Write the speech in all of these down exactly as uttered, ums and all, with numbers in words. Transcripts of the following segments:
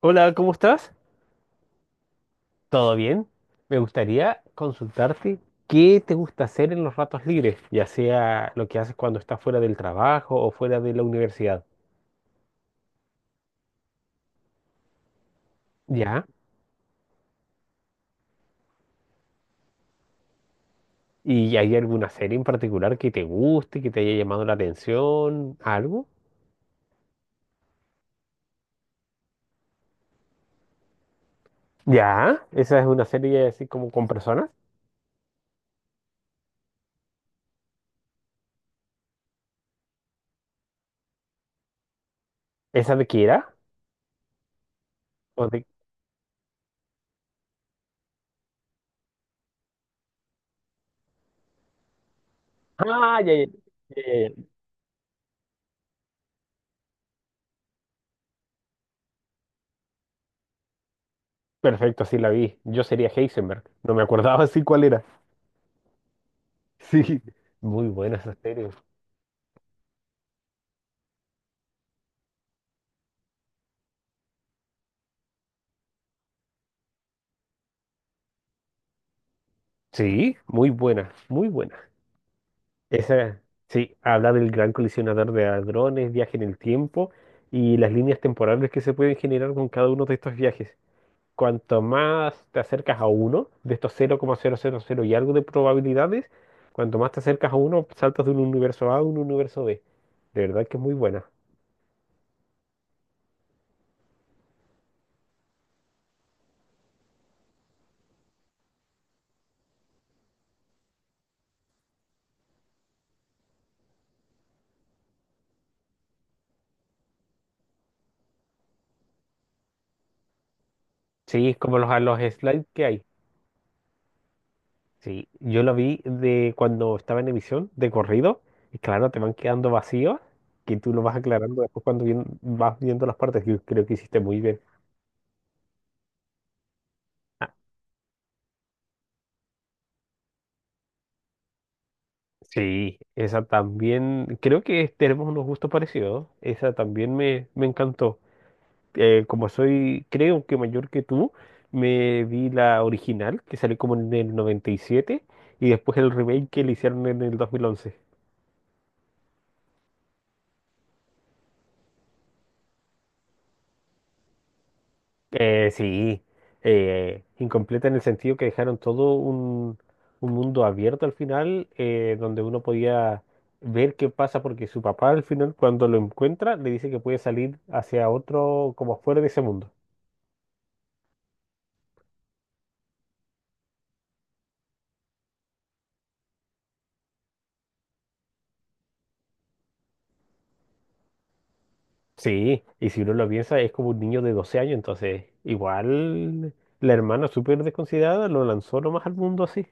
Hola, ¿cómo estás? ¿Todo bien? Me gustaría consultarte qué te gusta hacer en los ratos libres, ya sea lo que haces cuando estás fuera del trabajo o fuera de la universidad. ¿Ya? ¿Y hay alguna serie en particular que te guste, que te haya llamado la atención? ¿Algo? ¿Ya? ¿Esa es una serie así como con personas? ¿Esa de Kira? ¿O de... Ah, ya, ya, ya, ya, ya. Perfecto, sí la vi. Yo sería Heisenberg. No me acordaba así cuál era. Sí, muy buena esa serie. Sí, muy buena, muy buena. Esa, sí, habla del gran colisionador de hadrones, viaje en el tiempo y las líneas temporales que se pueden generar con cada uno de estos viajes. Cuanto más te acercas a uno de estos cero coma cero cero coma cero y algo de probabilidades, cuanto más te acercas a uno, saltas de un universo A a un universo B. De verdad que es muy buena. Sí, es como los, a los slides que hay. Sí, yo lo vi de cuando estaba en emisión, de corrido, y claro, te van quedando vacíos, que tú lo vas aclarando después cuando bien- vas viendo las partes, que creo que hiciste muy bien. Ah, sí, esa también, creo que tenemos unos gustos parecidos, esa también me, me encantó. Eh, como soy, creo que mayor que tú, me vi la original, que salió como en el noventa y siete y después el remake que le hicieron en el dos mil once. Eh, sí, eh, incompleta en el sentido que dejaron todo un, un mundo abierto al final, eh, donde uno podía ver qué pasa, porque su papá al final cuando lo encuentra le dice que puede salir hacia otro, como fuera de ese mundo. Sí, y si uno lo piensa, es como un niño de doce años, entonces igual la hermana súper desconsiderada lo lanzó nomás al mundo así.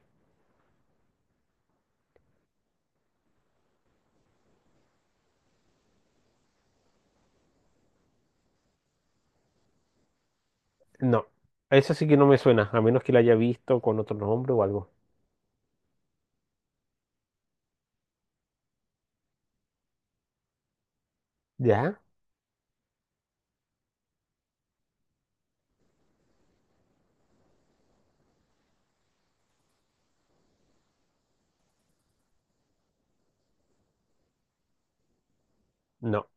No, eso sí que no me suena, a menos que la haya visto con otro nombre o algo. ¿Ya? No.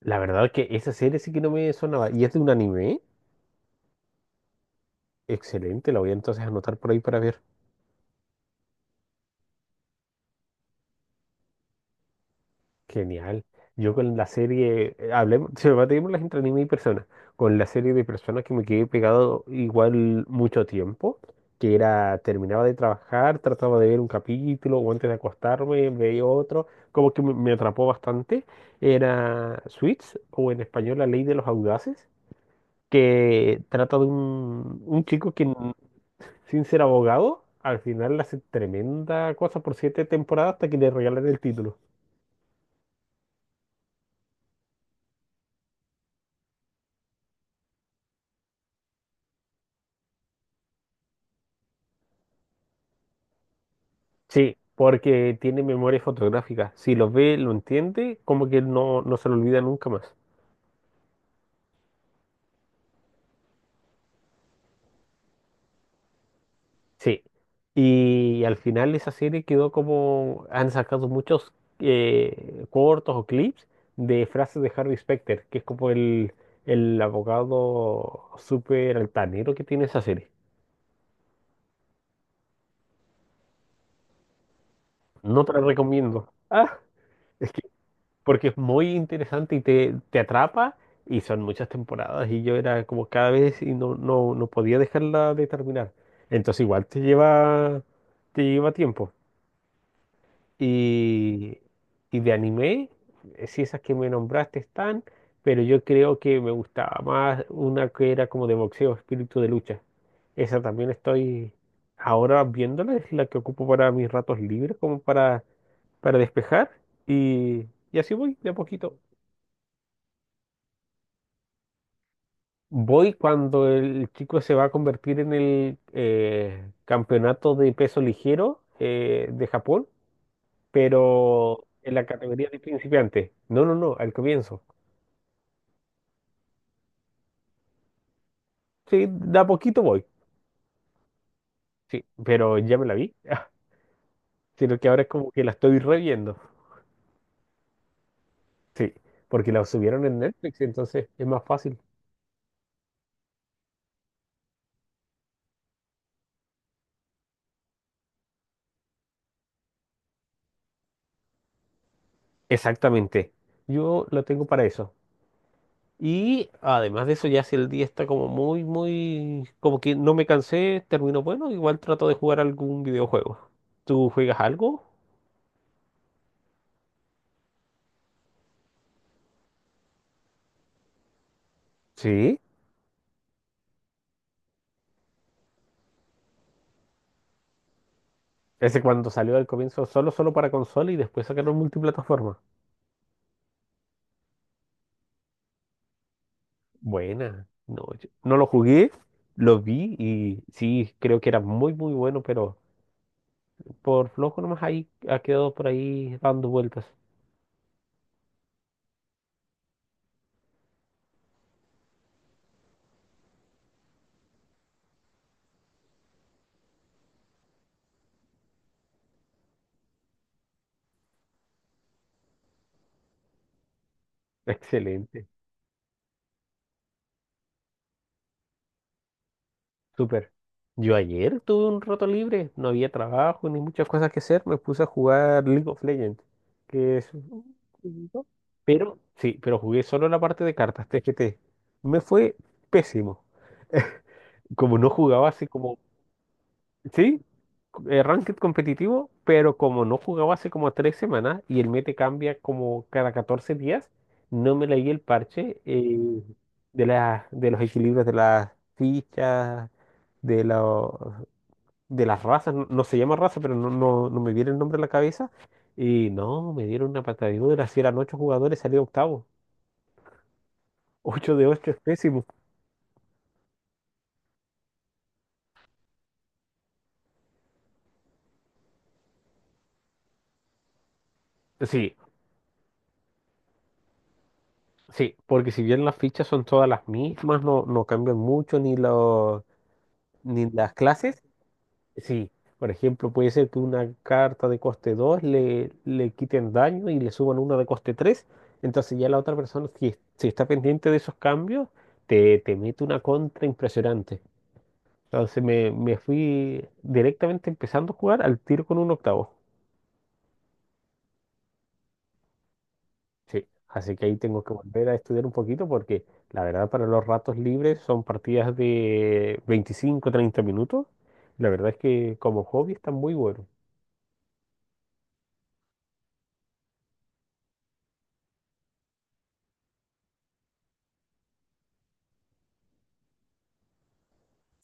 La verdad es que esa serie sí que no me sonaba. Y es de un anime. Excelente, la voy a entonces anotar por ahí para ver. Genial. Yo con la serie, eh, hablemos, se me va a tener las entre anime y personas. Con la serie de personas que me quedé pegado igual mucho tiempo, que era, terminaba de trabajar, trataba de ver un capítulo o antes de acostarme, veía otro, como que me, me atrapó bastante. Era Suits, o en español La Ley de los Audaces, que trata de un, un chico que sin ser abogado, al final hace tremenda cosa por siete temporadas hasta que le regalan el título. Sí, porque tiene memoria fotográfica. Si lo ve, lo entiende, como que no, no se lo olvida nunca más. Sí, y al final esa serie quedó como... Han sacado muchos eh, cortos o clips de frases de Harvey Specter, que es como el, el abogado súper altanero que tiene esa serie. No te la recomiendo. Ah, es que porque es muy interesante y te, te atrapa y son muchas temporadas y yo era como cada vez y no, no, no podía dejarla de terminar. Entonces igual te lleva, te lleva tiempo. Y, y de anime, eh, sí esas que me nombraste están, pero yo creo que me gustaba más una que era como de boxeo, espíritu de lucha. Esa también estoy ahora viéndola, es la que ocupo para mis ratos libres, como para, para despejar y, y así voy de a poquito. Voy cuando el chico se va a convertir en el eh, campeonato de peso ligero eh, de Japón, pero en la categoría de principiante. No, no, no, al comienzo. Sí, de a poquito voy. Sí, pero ya me la vi. Sino que ahora es como que la estoy reviendo. Sí, porque la subieron en Netflix, entonces es más fácil. Exactamente. Yo la tengo para eso. Y además de eso, ya si el día está como muy, muy, como que no me cansé, termino bueno, igual trato de jugar algún videojuego. ¿Tú juegas algo? Sí. Ese cuando salió al comienzo solo, solo para consola y después sacaron multiplataforma. Buena. No, yo no lo jugué, lo vi y sí, creo que era muy, muy bueno, pero por flojo nomás ahí ha quedado por ahí dando vueltas. Excelente. Súper. Yo ayer tuve un rato libre, no había trabajo ni muchas cosas que hacer, me puse a jugar League of Legends, que es un jueguito. Pero, sí, pero jugué solo la parte de cartas T G T. Me fue pésimo. Como no jugaba así como, sí, eh, ranked competitivo, pero como no jugaba hace como tres semanas y el meta cambia como cada catorce días, no me leí el parche eh, de la, de los equilibrios de las fichas, de los de las razas, no, no se llama raza, pero no, no, no me viene el nombre a la cabeza. Y no, me dieron una patadura, si eran ocho jugadores, salió octavo. Ocho de ocho es pésimo. Sí, sí, porque si bien las fichas son todas las mismas, no, no cambian mucho ni los, ni las clases. Sí, por ejemplo, puede ser que una carta de coste dos le, le quiten daño y le suban una de coste tres. Entonces ya la otra persona, si, si está pendiente de esos cambios, te, te mete una contra impresionante. Entonces me, me fui directamente empezando a jugar al tiro con un octavo. Sí, así que ahí tengo que volver a estudiar un poquito porque la verdad para los ratos libres son partidas de veinticinco treinta minutos. La verdad es que como hobby están muy buenos.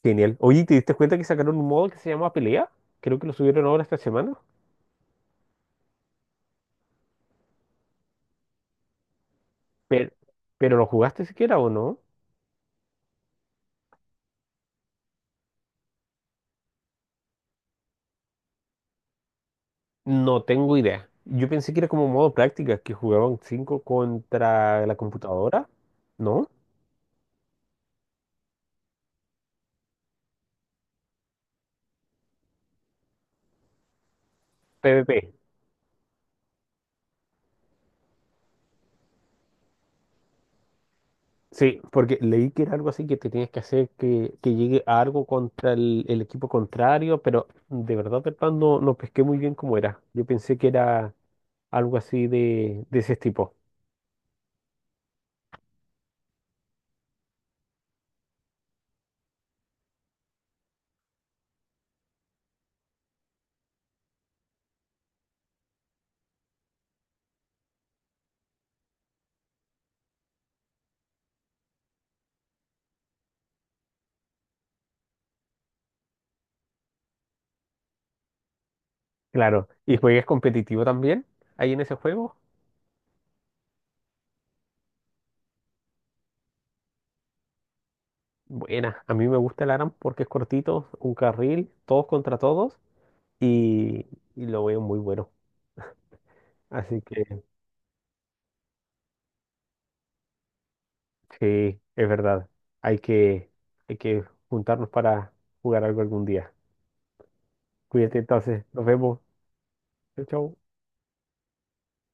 Genial. Oye, ¿te diste cuenta que sacaron un modo que se llama Pelea? Creo que lo subieron ahora esta semana. Pero, ¿Pero lo jugaste siquiera o no? No tengo idea. Yo pensé que era como modo práctica, que jugaban cinco contra la computadora, ¿no? PvP. Sí, porque leí que era algo así que te tienes que hacer que, que llegue a algo contra el, el equipo contrario, pero de verdad, de verdad, no, no pesqué muy bien cómo era. Yo pensé que era algo así de, de ese tipo. Claro, ¿y juegas competitivo también ahí en ese juego? Buena, a mí me gusta el ARAM porque es cortito, un carril, todos contra todos, y, y lo veo muy bueno. Así que sí, es verdad, hay que, hay que juntarnos para jugar algo algún día. Cuídate entonces, nos vemos. Chau, chau.